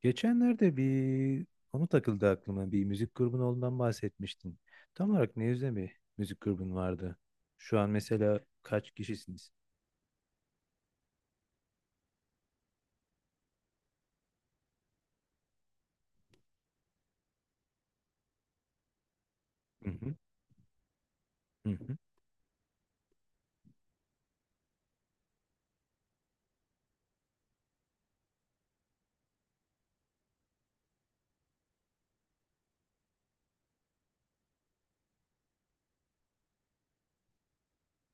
Geçenlerde bir onu takıldı aklıma. Bir müzik grubun olduğundan bahsetmiştin. Tam olarak ne yüzde bir müzik grubun vardı? Şu an mesela kaç kişisiniz? Hı hı, hı hı.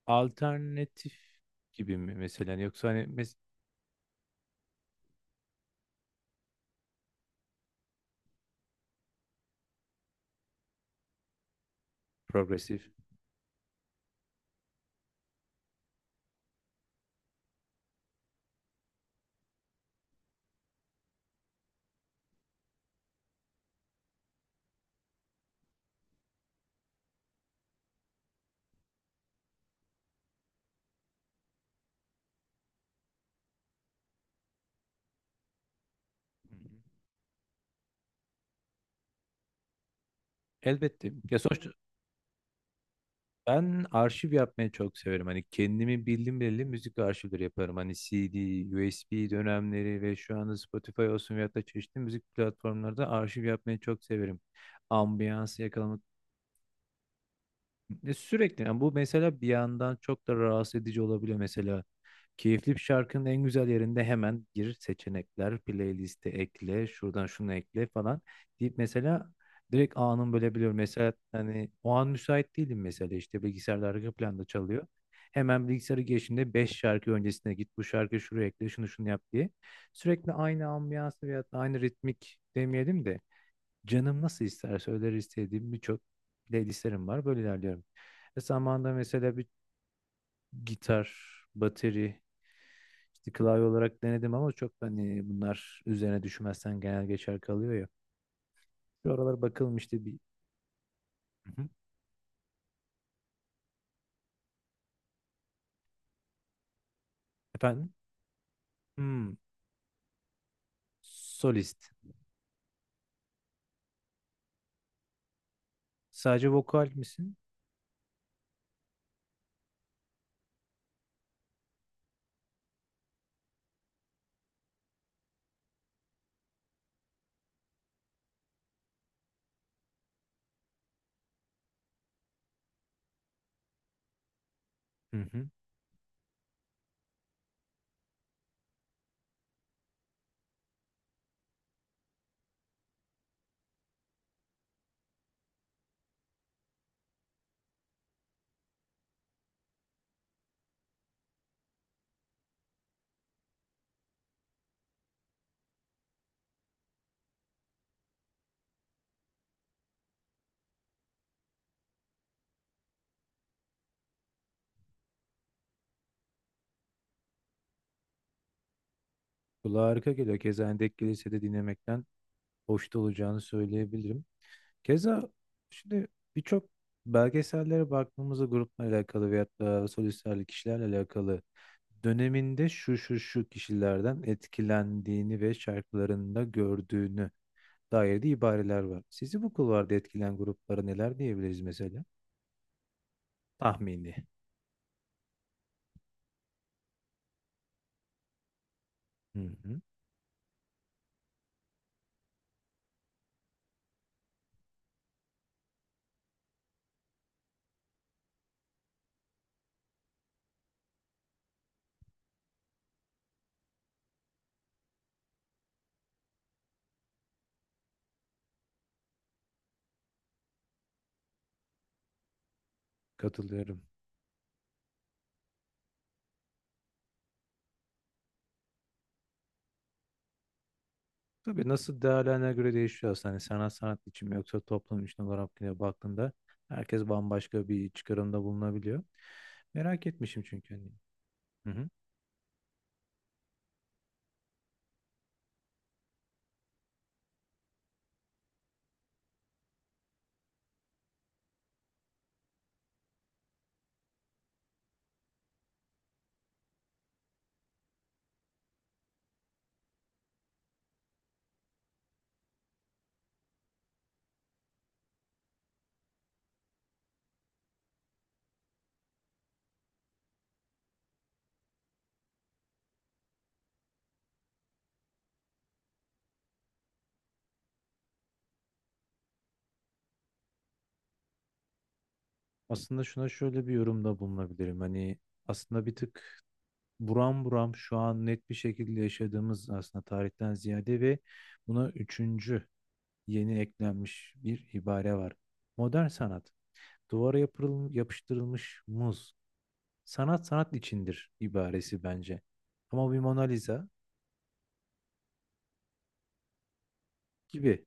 Alternatif gibi mi mesela? Yoksa hani mes progresif? Hı hı. Elbette. Ya sonuçta ben arşiv yapmayı çok severim. Hani kendimi bildim bileli müzik arşivleri yaparım. Hani CD, USB dönemleri ve şu anda Spotify olsun veyahut da çeşitli müzik platformlarda arşiv yapmayı çok severim, ambiyansı yakalamak. Sürekli yani bu mesela bir yandan çok da rahatsız edici olabiliyor mesela. Keyifli bir şarkının en güzel yerinde hemen gir seçenekler, playliste ekle, şuradan şunu ekle falan deyip mesela direkt anın bölebiliyorum. Mesela hani o an müsait değilim, mesela işte bilgisayarda arka planda çalıyor. Hemen bilgisayarı geçtiğinde 5 şarkı öncesine git, bu şarkıyı şuraya ekle, şunu şunu yap diye. Sürekli aynı ambiyansı veya da aynı ritmik demeyelim de canım nasıl isterse öyle istediğim birçok playlistlerim var. Böyle ilerliyorum. E zamanında mesela bir gitar, bateri, işte klavye olarak denedim ama çok hani bunlar üzerine düşmezsen genel geçer kalıyor ya. Şu aralar bakalım işte bir. Hı hı. Efendim? Hmm, solist. Sadece vokal misin? Hı hı. Kulağa harika geliyor. Keza Endek Kilise'de dinlemekten hoşta olacağını söyleyebilirim. Keza şimdi birçok belgesellere baktığımızda grupla alakalı veyahut da solistlerle kişilerle alakalı döneminde şu şu şu kişilerden etkilendiğini ve şarkılarında gördüğünü dair de ibareler var. Sizi bu kulvarda etkilen gruplara neler diyebiliriz mesela? Tahmini. Hı hı. Katılıyorum. Tabii nasıl değerlerine göre değişiyor aslında. Hani sanat sanat için mi yoksa toplum için olarak yine baktığında herkes bambaşka bir çıkarımda bulunabiliyor. Merak etmişim çünkü. Hani. Hı hı. Aslında şuna şöyle bir yorumda bulunabilirim. Hani aslında bir tık buram buram şu an net bir şekilde yaşadığımız aslında tarihten ziyade ve buna üçüncü yeni eklenmiş bir ibare var. Modern sanat, duvara yapıştırılmış muz. Sanat sanat içindir ibaresi bence. Ama bir Mona Lisa gibi.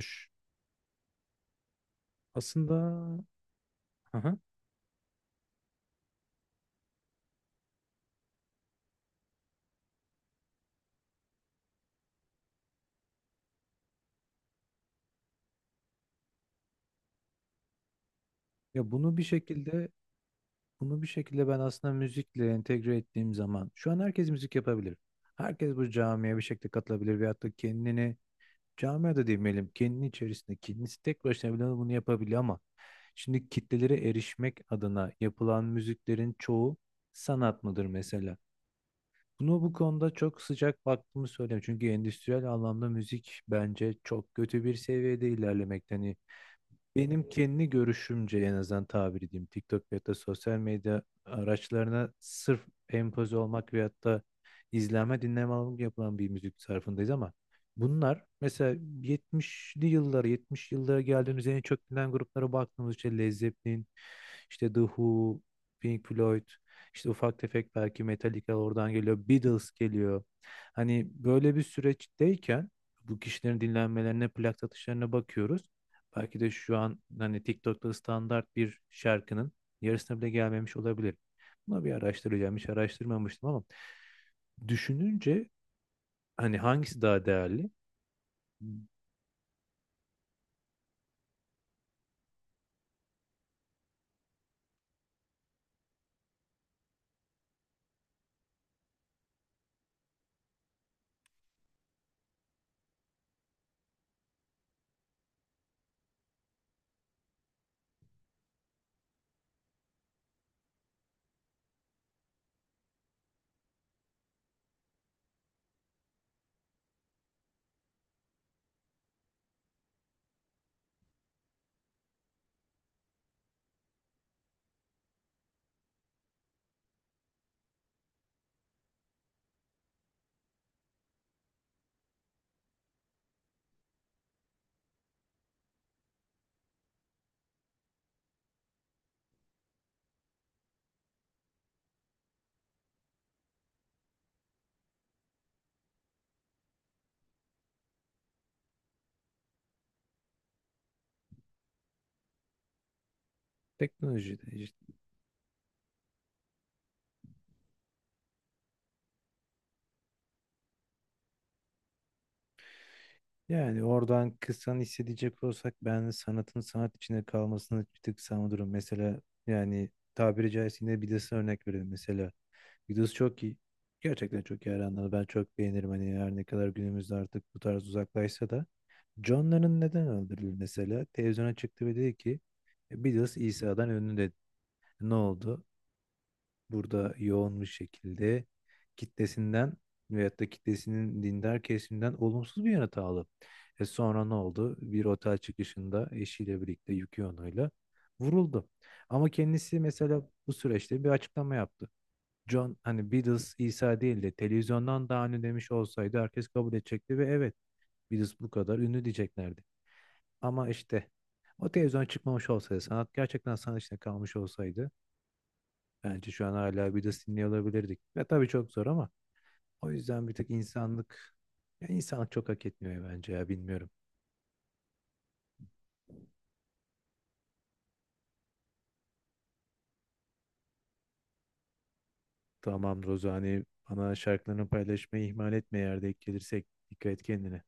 Ş- aslında. Hı hı. Ya bunu bir şekilde, bunu bir şekilde ben aslında müzikle entegre ettiğim zaman şu an herkes müzik yapabilir. Herkes bu camiye bir şekilde katılabilir veyahut da kendini, camiye de demeyelim, kendini içerisinde kendisi tek başına bile bunu yapabiliyor ama şimdi kitlelere erişmek adına yapılan müziklerin çoğu sanat mıdır mesela? Bunu, bu konuda çok sıcak baktığımı söyleyeyim. Çünkü endüstriyel anlamda müzik bence çok kötü bir seviyede ilerlemekte. Hani benim kendi görüşümce en azından tabir edeyim. TikTok veyahut da sosyal medya araçlarına sırf empoze olmak veyahut da izlenme dinleme alımı yapılan bir müzik sarfındayız ama bunlar mesela 70'li yıllara, 70 yıllara geldiğimiz en çok bilinen gruplara baktığımız işte Led Zeppelin, işte The Who, Pink Floyd, işte ufak tefek belki Metallica oradan geliyor, Beatles geliyor. Hani böyle bir süreçteyken bu kişilerin dinlenmelerine, plak satışlarına bakıyoruz. Belki de şu an hani TikTok'ta standart bir şarkının yarısına bile gelmemiş olabilir. Buna bir araştıracağım. Hiç araştırmamıştım ama düşününce hani hangisi daha değerli? Teknoloji işte. Yani oradan kısan hissedecek olsak ben sanatın sanat içinde kalmasını bir tık savunurum. Mesela yani tabiri caizse yine Beatles'a örnek verelim mesela. Beatles çok iyi. Gerçekten çok iyi hayranları. Ben çok beğenirim. Hani her ne kadar günümüzde artık bu tarz uzaklaşsa da John Lennon neden öldürüldü mesela? Televizyona çıktı ve dedi ki Beatles İsa'dan ünlü" dedi. Ne oldu? Burada yoğun bir şekilde kitlesinden veyahut da kitlesinin dindar kesimden olumsuz bir yanıt aldı. E sonra ne oldu? Bir otel çıkışında eşiyle birlikte Yoko Ono'yla vuruldu. Ama kendisi mesela bu süreçte bir açıklama yaptı. John hani Beatles İsa değil de televizyondan daha ünlü demiş olsaydı herkes kabul edecekti ve evet Beatles bu kadar ünlü diyeceklerdi. Ama işte o televizyon çıkmamış olsaydı, sanat gerçekten sanat içinde kalmış olsaydı bence şu an hala bir de dinliyor olabilirdik. Ve tabii çok zor ama o yüzden bir tek insanlık, ya insanlık çok hak etmiyor bence ya, bilmiyorum. Tamam Rozani, bana şarkılarını paylaşmayı ihmal etme, yerde gelirsek dikkat et kendine.